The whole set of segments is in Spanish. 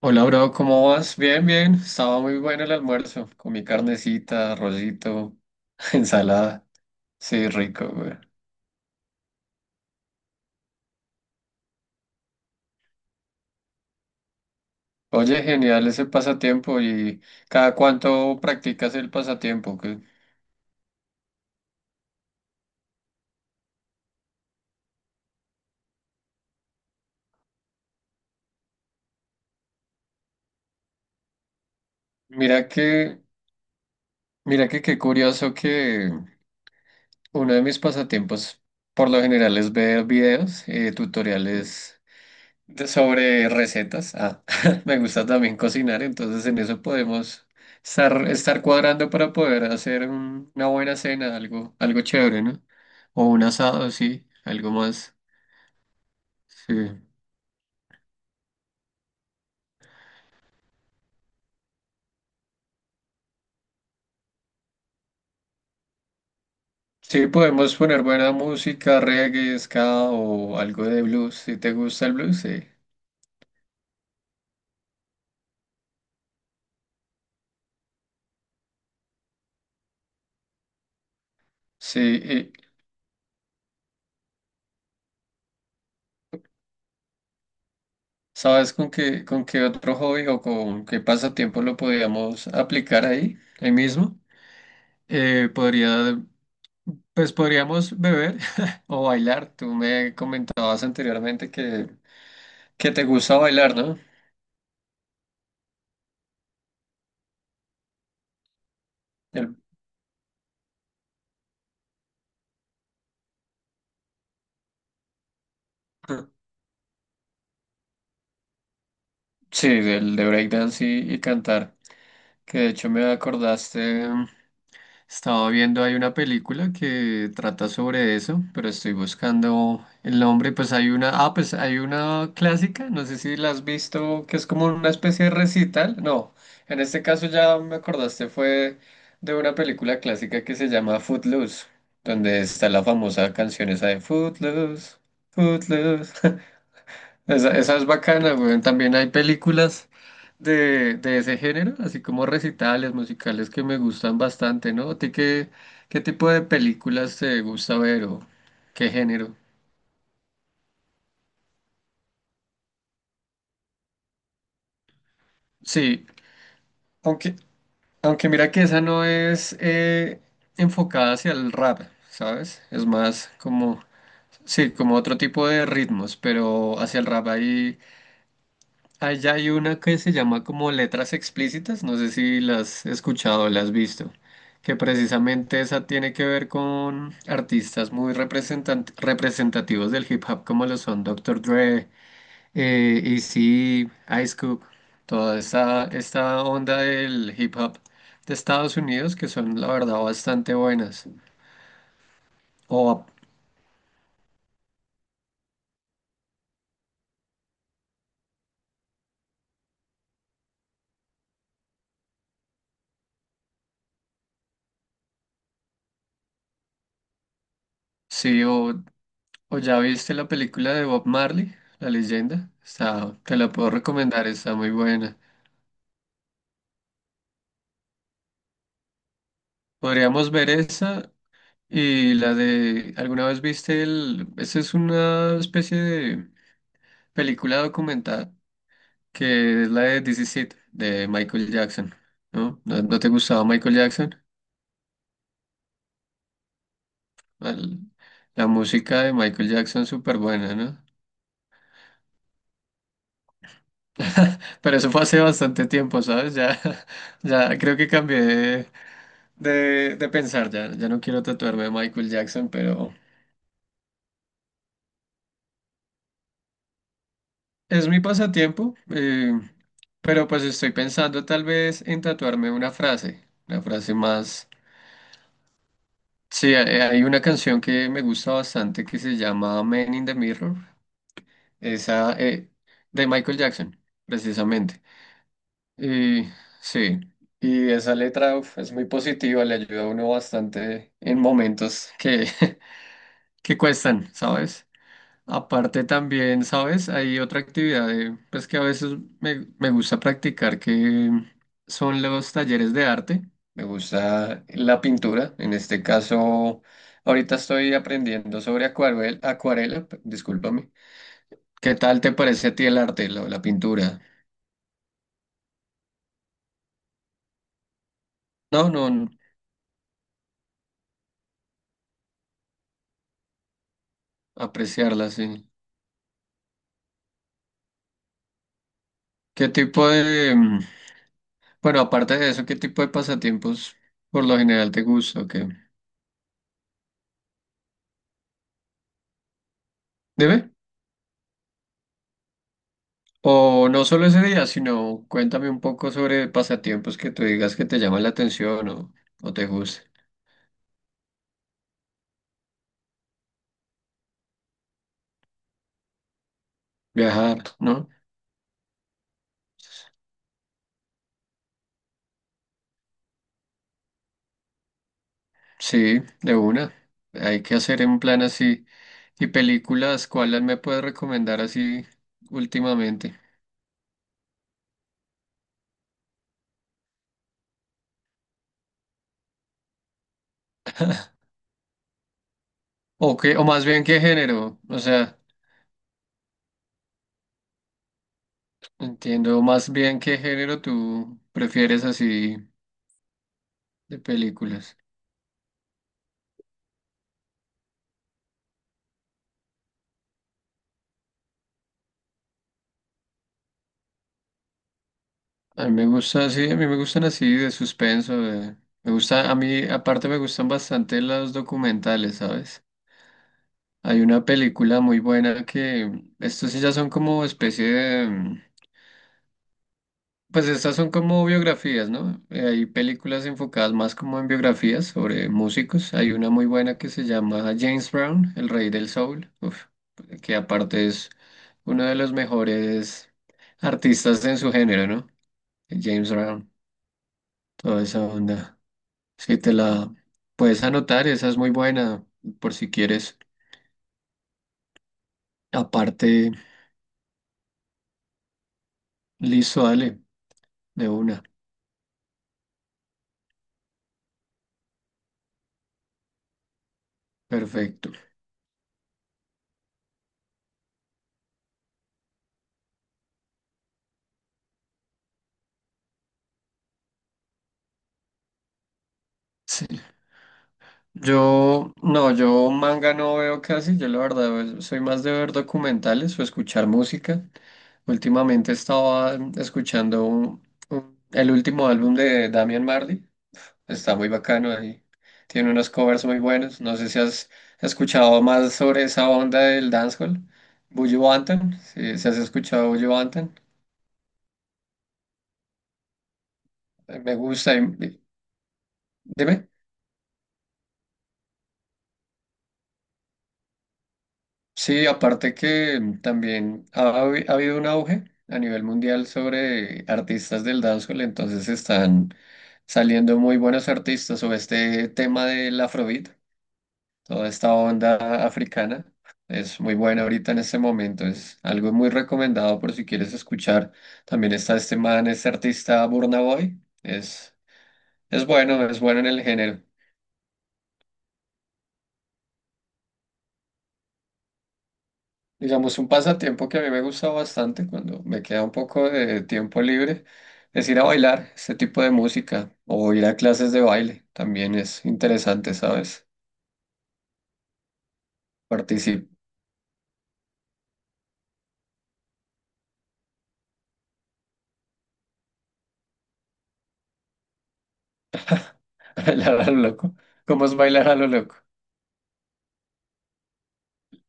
Hola, bro, ¿cómo vas? Bien, bien. Estaba muy bueno el almuerzo, con mi carnecita, arrocito, ensalada. Sí, rico, güey. Oye, genial ese pasatiempo y cada cuánto practicas el pasatiempo. Que mira que, mira que qué curioso que uno de mis pasatiempos por lo general es ver videos, tutoriales sobre recetas. Ah, me gusta también cocinar, entonces en eso podemos estar cuadrando para poder hacer una buena cena, algo, algo chévere, ¿no? O un asado, sí, algo más. Sí. Sí, podemos poner buena música, reggae, ska o algo de blues. Si te gusta el blues, sí. Sí, y ¿sabes con qué otro hobby o con qué pasatiempo lo podríamos aplicar ahí, ahí mismo? Podría. Pues podríamos beber o bailar. Tú me comentabas anteriormente que te gusta bailar, ¿no? El- Sí, del de breakdance y cantar. Que de hecho me acordaste, estaba viendo hay una película que trata sobre eso, pero estoy buscando el nombre. Pues hay una, ah, pues hay una clásica, no sé si la has visto, que es como una especie de recital. No, en este caso ya me acordaste, fue de una película clásica que se llama Footloose, donde está la famosa canción esa de Footloose, Footloose. Esa es bacana, güey. También hay películas de ese género, así como recitales musicales que me gustan bastante, ¿no? ¿A ti qué, qué tipo de películas te gusta ver o qué género? Sí, aunque, aunque mira que esa no es enfocada hacia el rap, ¿sabes? Es más como, sí, como otro tipo de ritmos, pero hacia el rap hay. Allá hay una que se llama como letras explícitas, no sé si las has escuchado o la has visto, que precisamente esa tiene que ver con artistas muy representativos del hip hop como lo son Doctor Dre, Eazy-E, Ice Cube, toda esta onda del hip hop de Estados Unidos que son la verdad bastante buenas. O sí, o, o ya viste la película de Bob Marley, La Leyenda, está, te la puedo recomendar, está muy buena. Podríamos ver esa y la de, ¿alguna vez viste el, esa es una especie de película documental que es la de This Is It, de Michael Jackson, ¿no? ¿No, no te gustaba Michael Jackson? Al- la música de Michael Jackson súper buena, ¿no? Pero eso fue hace bastante tiempo, ¿sabes? Ya, ya creo que cambié de pensar, ya, ya no quiero tatuarme de Michael Jackson, pero... Es mi pasatiempo, pero pues estoy pensando tal vez en tatuarme una frase más... Sí, hay una canción que me gusta bastante que se llama Man in the Mirror, esa de Michael Jackson, precisamente. Y sí, y esa letra uf, es muy positiva, le ayuda a uno bastante en momentos que, que cuestan, ¿sabes? Aparte también, ¿sabes? Hay otra actividad pues que a veces me gusta practicar, que son los talleres de arte. Me gusta la pintura. En este caso, ahorita estoy aprendiendo sobre acuarela, discúlpame. ¿Qué tal te parece a ti el arte, la pintura? No, no, no, apreciarla, sí. ¿Qué tipo de, mm, bueno, aparte de eso, qué tipo de pasatiempos por lo general te gusta o qué? Dime. O no solo ese día, sino cuéntame un poco sobre pasatiempos que tú digas que te llaman la atención o te gusta. Viajar, ¿no? Sí, de una. Hay que hacer un plan así. ¿Y películas, cuáles me puedes recomendar así últimamente? O qué, o más bien qué género. O sea, entiendo más bien qué género tú prefieres así de películas. A mí me gusta sí a mí me gustan así de suspenso. Me gusta, a mí aparte me gustan bastante los documentales, ¿sabes? Hay una película muy buena que estos sí ya son como especie de, mm, pues estas son como biografías, ¿no? Hay películas enfocadas más como en biografías sobre músicos. Hay una muy buena que se llama James Brown, el rey del soul, uf, que aparte es uno de los mejores artistas en su género, ¿no? James Brown, toda esa onda. Sí, te la puedes anotar, esa es muy buena, por si quieres. Aparte, listo, dale, de una. Perfecto. Sí. Yo, no, yo manga no veo casi, yo la verdad soy más de ver documentales o escuchar música. Últimamente estaba escuchando el último álbum de Damian Marley. Está muy bacano ahí. Tiene unos covers muy buenos. No sé si has escuchado más sobre esa onda del dancehall. Buju Banton. Si, si has escuchado Buju Banton. Me gusta. Dime. Sí, aparte que también ha habido un auge a nivel mundial sobre artistas del dancehall. Entonces están saliendo muy buenos artistas sobre este tema del Afrobeat. Toda esta onda africana es muy buena ahorita en este momento, es algo muy recomendado por si quieres escuchar. También está este man, este artista Burna Boy, es bueno en el género. Digamos, un pasatiempo que a mí me gusta bastante cuando me queda un poco de tiempo libre es ir a bailar este tipo de música o ir a clases de baile, también es interesante, ¿sabes? Participar bailar a lo loco. ¿Cómo es bailar a lo loco?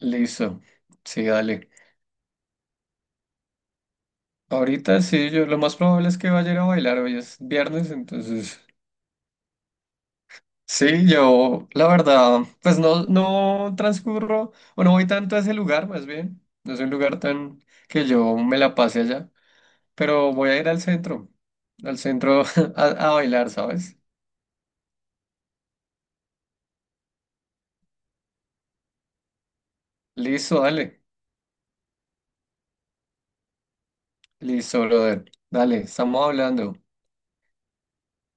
Listo, sí, dale. Ahorita sí, yo lo más probable es que vaya a ir a bailar, hoy es viernes, entonces sí, yo la verdad, pues no, no transcurro o no voy tanto a ese lugar, más bien, no es un lugar tan que yo me la pase allá, pero voy a ir al centro a, a bailar, ¿sabes? Listo, dale, listo, brother, dale, estamos hablando.